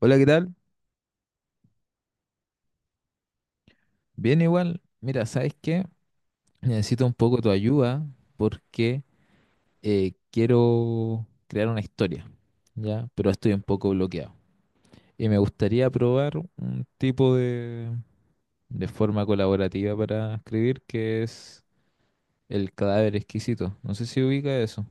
Hola, ¿qué tal? Bien igual. Mira, ¿sabes qué? Necesito un poco tu ayuda porque quiero crear una historia, ¿ya? Pero estoy un poco bloqueado. Y me gustaría probar un tipo de forma colaborativa para escribir que es el cadáver exquisito. No sé si ubica eso.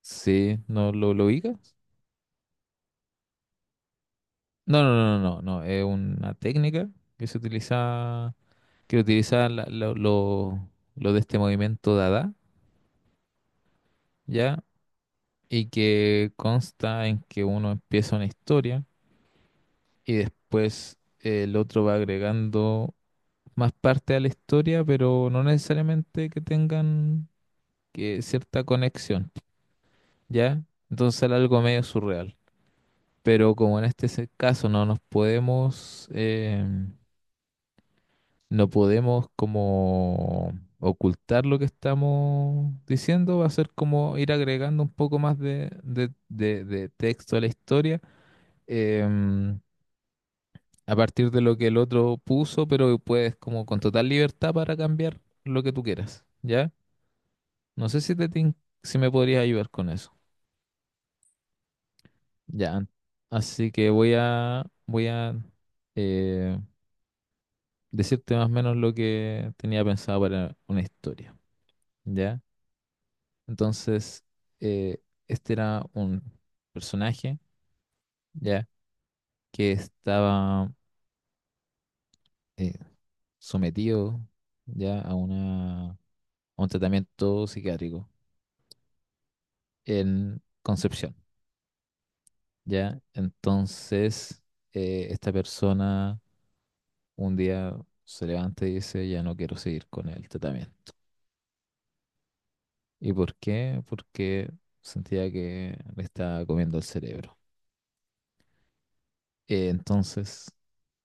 Sí, ¿no lo ubicas? No, no, no, no, no. No. Es una técnica que se utiliza, que utiliza lo de este movimiento Dada, ¿ya? Y que consta en que uno empieza una historia y después el otro va agregando más parte a la historia, pero no necesariamente que tengan que cierta conexión, ¿ya? Entonces era algo medio surreal. Pero como en caso no nos podemos, no podemos como ocultar lo que estamos diciendo, va a ser como ir agregando un poco más de, de texto a la historia. em, a partir de lo que el otro puso, pero puedes como con total libertad para cambiar lo que tú quieras, ¿ya? No sé si te, tin- Si me podrías ayudar con eso. Ya. Así que voy a eh, decirte más o menos lo que tenía pensado para una historia, ¿ya? Entonces, eh, este era un personaje, ¿ya? Que estaba eh, sometido, ¿ya? A una, a un tratamiento psiquiátrico en Concepción, ¿ya? Entonces, esta persona un día se levanta y dice, ya no quiero seguir con el tratamiento. ¿Y por qué? Porque sentía que me estaba comiendo el cerebro. Entonces,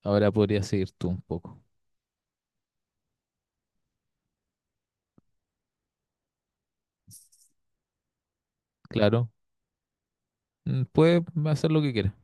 ahora podría seguir tú un poco. Claro, mm, puede hacer lo que quiera.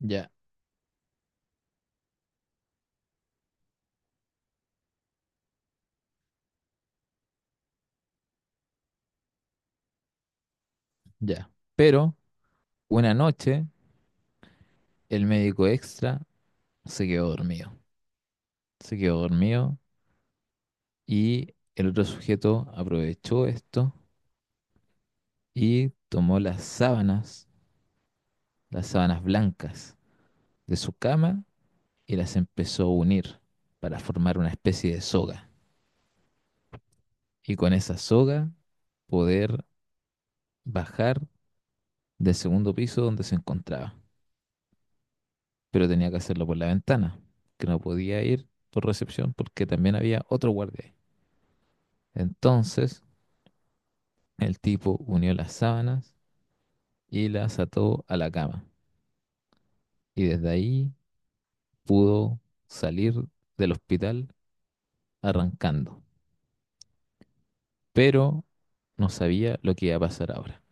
Ya, ya. Pero una noche, el médico extra se quedó dormido. Se quedó dormido y el otro sujeto aprovechó esto y tomó las sábanas blancas de su cama y las empezó a unir para formar una especie de soga. Y con esa soga poder bajar del segundo piso donde se encontraba. Pero tenía que hacerlo por la ventana, que no podía ir por recepción porque también había otro guardia ahí. Entonces el tipo unió las sábanas y las ató a la cama. Y desde ahí pudo salir del hospital arrancando. Pero no sabía lo que iba a pasar ahora.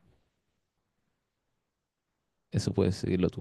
Eso puedes seguirlo tú.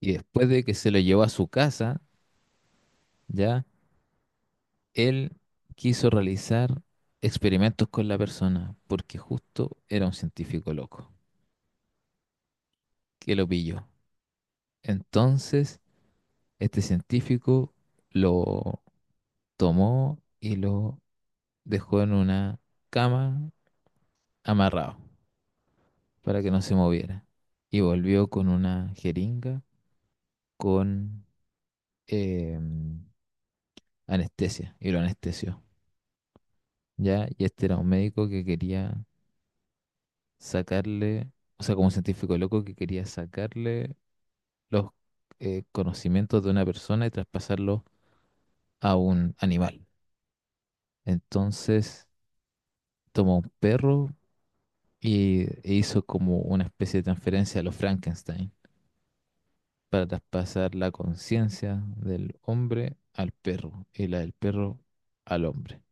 Y después de que se lo llevó a su casa, ya, él quiso realizar experimentos con la persona, porque justo era un científico loco, que lo pilló. Entonces, este científico lo tomó y lo dejó en una cama amarrado para que no se moviera. Y volvió con una jeringa con... em, anestesia y lo anestesió, ¿ya? Y este era un médico que quería sacarle, o sea, como un científico loco que quería sacarle los conocimientos de una persona y traspasarlos a un animal. Entonces tomó un perro y e hizo como una especie de transferencia a los Frankenstein para traspasar la conciencia del hombre al perro y la del perro al hombre.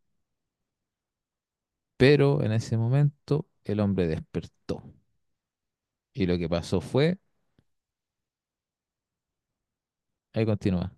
Pero en ese momento el hombre despertó y lo que pasó fue... Ahí continúa.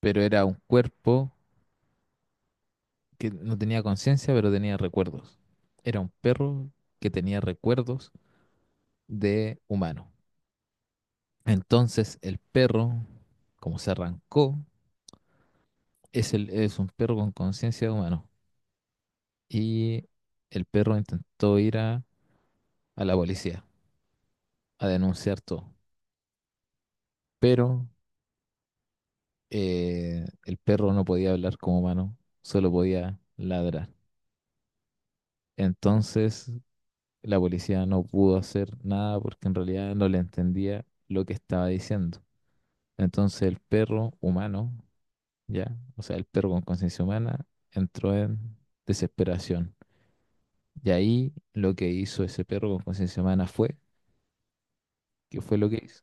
Pero era un cuerpo que no tenía conciencia, pero tenía recuerdos. Era un perro que tenía recuerdos de humano. Entonces el perro, como se arrancó, es, el, es un perro con conciencia de humano. Y el perro intentó ir a la policía a denunciar todo. Pero el perro no podía hablar como humano, solo podía ladrar. Entonces la policía no pudo hacer nada porque en realidad no le entendía lo que estaba diciendo. Entonces el perro humano, ya, o sea, el perro con conciencia humana, entró en desesperación. Y ahí lo que hizo ese perro con conciencia humana fue, ¿qué fue lo que hizo?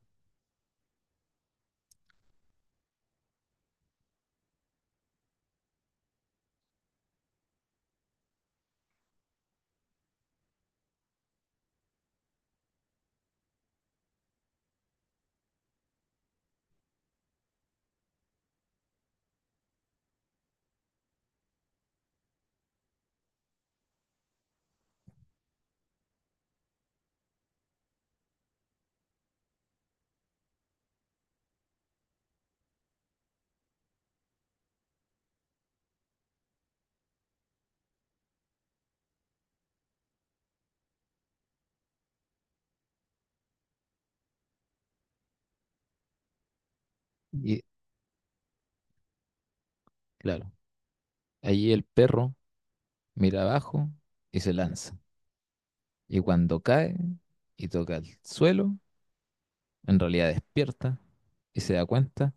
Y claro, allí el perro mira abajo y se lanza. Y cuando cae y toca el suelo, en realidad despierta y se da cuenta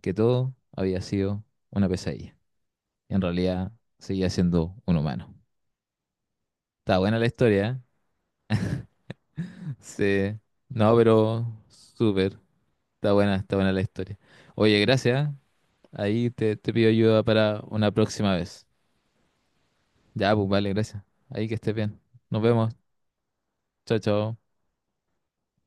que todo había sido una pesadilla. En realidad seguía siendo un humano. Está buena la historia, ¿eh? Sí. No, pero súper. Está buena la historia. Oye, gracias. Ahí te pido ayuda para una próxima vez. Ya, pues vale, gracias. Ahí que estés bien. Nos vemos. Chao, chao.